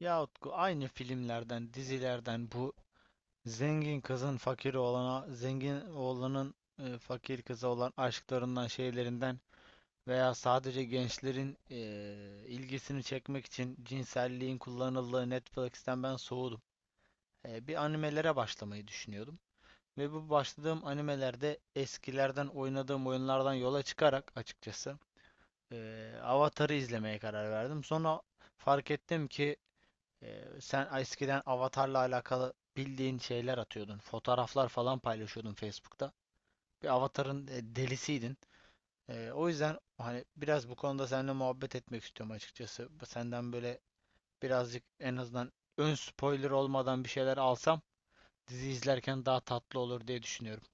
Ya Utku, aynı filmlerden, dizilerden, bu zengin kızın fakir oğlana, zengin oğlanın fakir kıza olan aşklarından, şeylerinden veya sadece gençlerin ilgisini çekmek için cinselliğin kullanıldığı Netflix'ten ben soğudum. Bir animelere başlamayı düşünüyordum. Ve bu başladığım animelerde eskilerden oynadığım oyunlardan yola çıkarak açıkçası e, Avatar'ı izlemeye karar verdim. Sonra fark ettim ki sen eskiden avatarla alakalı bildiğin şeyler atıyordun. Fotoğraflar falan paylaşıyordun Facebook'ta. Bir avatarın delisiydin. O yüzden hani biraz bu konuda seninle muhabbet etmek istiyorum açıkçası. Senden böyle birazcık en azından ön spoiler olmadan bir şeyler alsam, dizi izlerken daha tatlı olur diye düşünüyorum.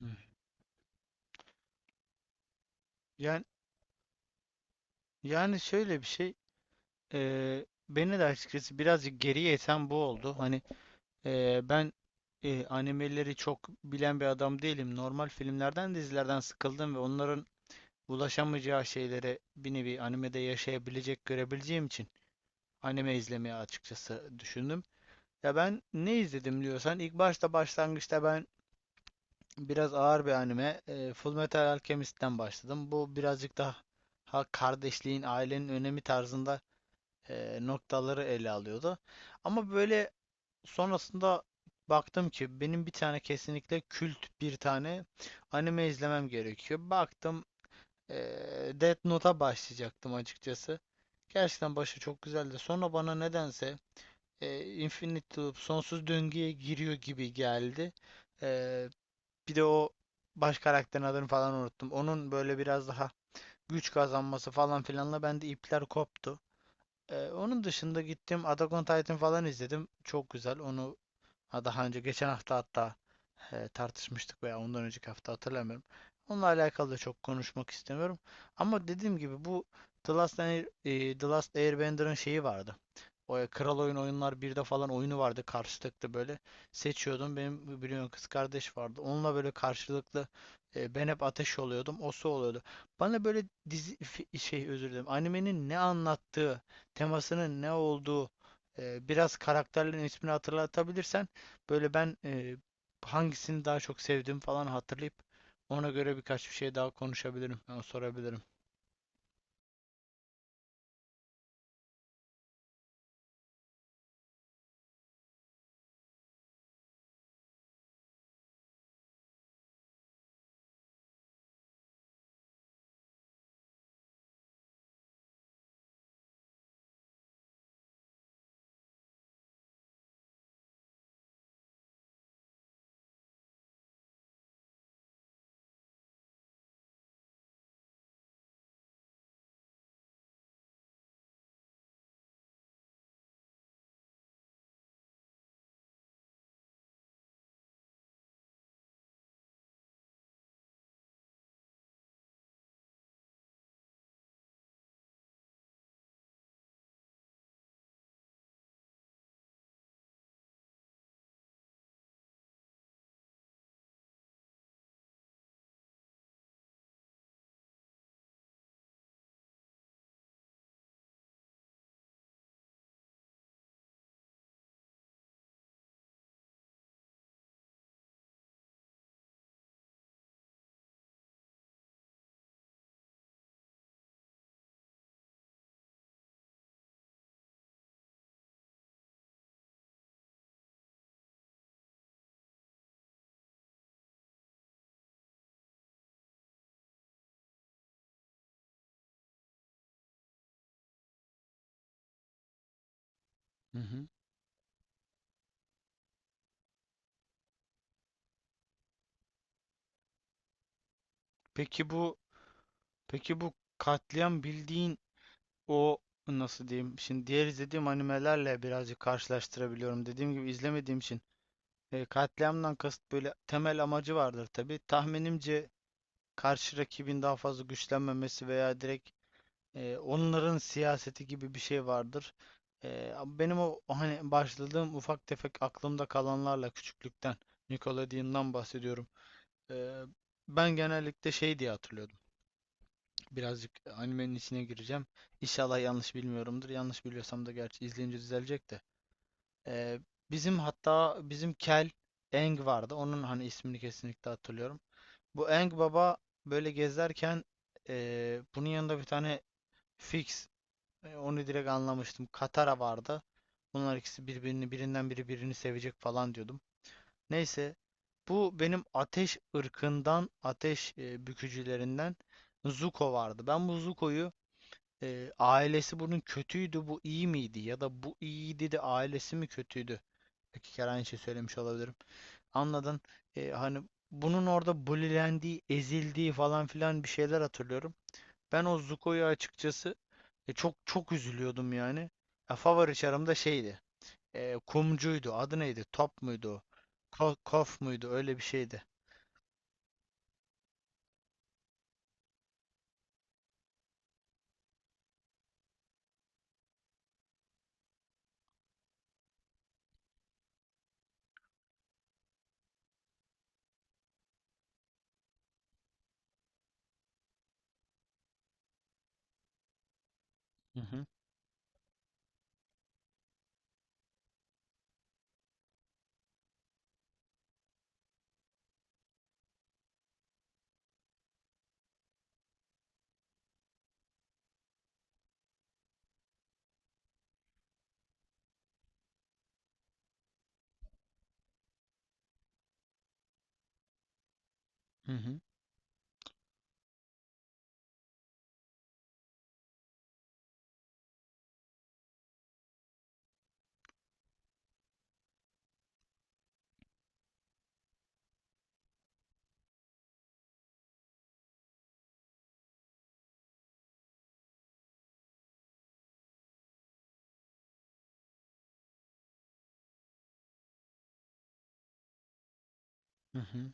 Hı. Yani, yani şöyle bir şey, beni de açıkçası birazcık geriye iten bu oldu. Hani ben animeleri çok bilen bir adam değilim. Normal filmlerden, dizilerden sıkıldım ve onların ulaşamayacağı şeyleri bir nevi animede yaşayabilecek, görebileceğim için anime izlemeye açıkçası düşündüm. Ya ben ne izledim diyorsan ilk başta, başlangıçta ben biraz ağır bir anime, Fullmetal Alchemist'ten başladım. Bu birazcık daha, ha, kardeşliğin, ailenin önemi tarzında noktaları ele alıyordu. Ama böyle, sonrasında baktım ki benim bir tane, kesinlikle kült bir tane anime izlemem gerekiyor. Baktım, Death Note'a başlayacaktım açıkçası. Gerçekten başı çok güzeldi. Sonra bana nedense Infinite Loop, sonsuz döngüye giriyor gibi geldi. Eee, Bir de o baş karakterin adını falan unuttum. Onun böyle biraz daha güç kazanması falan filanla bende ipler koptu. Onun dışında gittim Attack on Titan falan izledim. Çok güzel. Onu, ha, daha önce geçen hafta hatta tartışmıştık veya ondan önceki hafta, hatırlamıyorum. Onunla alakalı da çok konuşmak istemiyorum. Ama dediğim gibi bu The Last, The Last Airbender'ın şeyi vardı. O Kral Oyun Oyunlar 1'de falan oyunu vardı, karşılıklı böyle seçiyordum. Benim biliyorsun kız kardeş vardı. Onunla böyle karşılıklı ben hep ateş oluyordum. O su oluyordu. Bana böyle şey, özür dilerim. Animenin ne anlattığı, temasının ne olduğu, biraz karakterlerin ismini hatırlatabilirsen, böyle ben hangisini daha çok sevdiğimi falan hatırlayıp ona göre birkaç bir şey daha konuşabilirim. Yani sorabilirim. Hı hı. Peki bu peki bu katliam, bildiğin, o nasıl diyeyim? Şimdi diğer izlediğim animelerle birazcık karşılaştırabiliyorum. Dediğim gibi izlemediğim için katliamdan kasıt böyle, temel amacı vardır tabii. Tahminimce karşı rakibin daha fazla güçlenmemesi veya direkt onların siyaseti gibi bir şey vardır. Ee, Benim o hani başladığım ufak tefek aklımda kalanlarla, küçüklükten Nickelodeon'dan bahsediyorum. Ee, Ben genellikle şey diye hatırlıyordum. Birazcık animenin içine gireceğim. İnşallah yanlış bilmiyorumdur. Yanlış biliyorsam da gerçi izleyince düzelecek de. Ee, bizim, hatta bizim Kel Aang vardı. Onun hani ismini kesinlikle hatırlıyorum. Bu Aang baba böyle gezerken bunun yanında bir tane Fix, onu direkt anlamıştım. Katara vardı. Bunlar ikisi birbirini, birinden biri birini sevecek falan diyordum. Neyse, bu benim ateş ırkından, ateş bükücülerinden Zuko vardı. Ben bu Zuko'yu, ailesi bunun kötüydü, bu iyi miydi ya da bu iyiydi de ailesi mi kötüydü? İki kere aynı şey söylemiş olabilirim. Anladın? Hani bunun orada bulilendiği, ezildiği falan filan bir şeyler hatırlıyorum. Ben o Zuko'yu açıkçası, çok çok üzülüyordum yani. Ya, favori çarım da şeydi. Kumcuydu. Adı neydi? Top muydu? Ko, kof muydu? Öyle bir şeydi. Hı hı. Hı hı. Hı hı.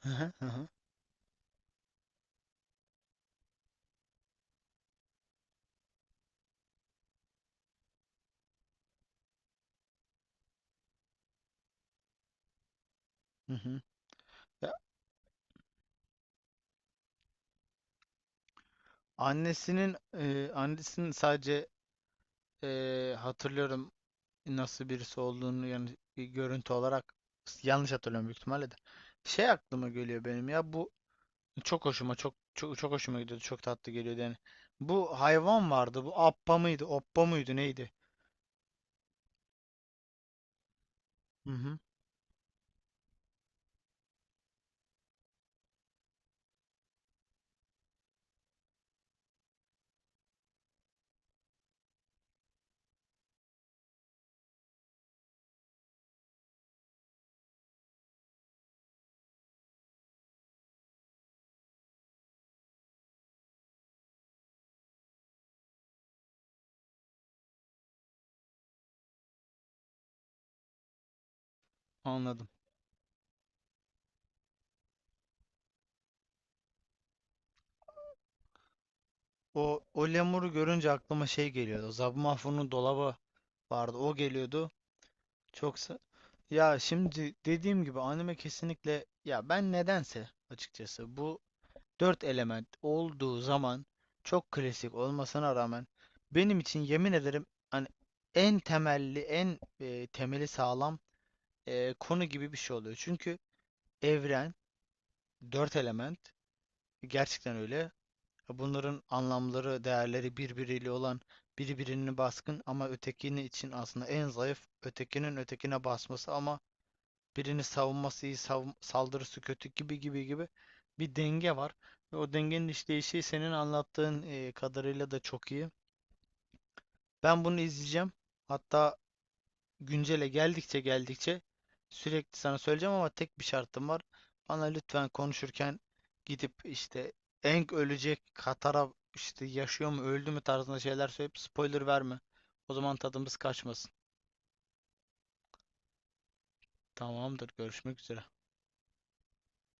Hı hı. Hı hı. Hı hı. Ya, annesinin, annesinin sadece, hatırlıyorum nasıl birisi olduğunu, yani bir görüntü olarak yanlış hatırlıyorum büyük ihtimalle de. Şey aklıma geliyor benim, ya bu, çok hoşuma, çok çok çok hoşuma gidiyordu. Çok tatlı geliyordu yani. Bu hayvan vardı. Bu appa mıydı? Oppa mıydı? Neydi? Hı hı, anladım. O, o lemuru görünce aklıma şey geliyordu. Zabumafu'nun dolabı vardı. O geliyordu. Çok sa- ya şimdi dediğim gibi, anime kesinlikle, ya ben nedense açıkçası bu dört element olduğu zaman, çok klasik olmasına rağmen, benim için yemin ederim, hani en temelli, en temeli sağlam konu gibi bir şey oluyor. Çünkü evren, dört element, gerçekten öyle. Bunların anlamları, değerleri, birbiriyle olan, biri birine baskın ama ötekini için aslında en zayıf, ötekinin ötekine basması ama birini savunması iyi, saldırısı kötü gibi gibi gibi bir denge var. Ve o dengenin işleyişi senin anlattığın kadarıyla da çok iyi. Ben bunu izleyeceğim. Hatta güncele geldikçe sürekli sana söyleyeceğim, ama tek bir şartım var. Bana lütfen konuşurken gidip işte Aang ölecek, Katara işte yaşıyor mu öldü mü tarzında şeyler söyleyip spoiler verme. O zaman tadımız kaçmasın. Tamamdır, görüşmek üzere.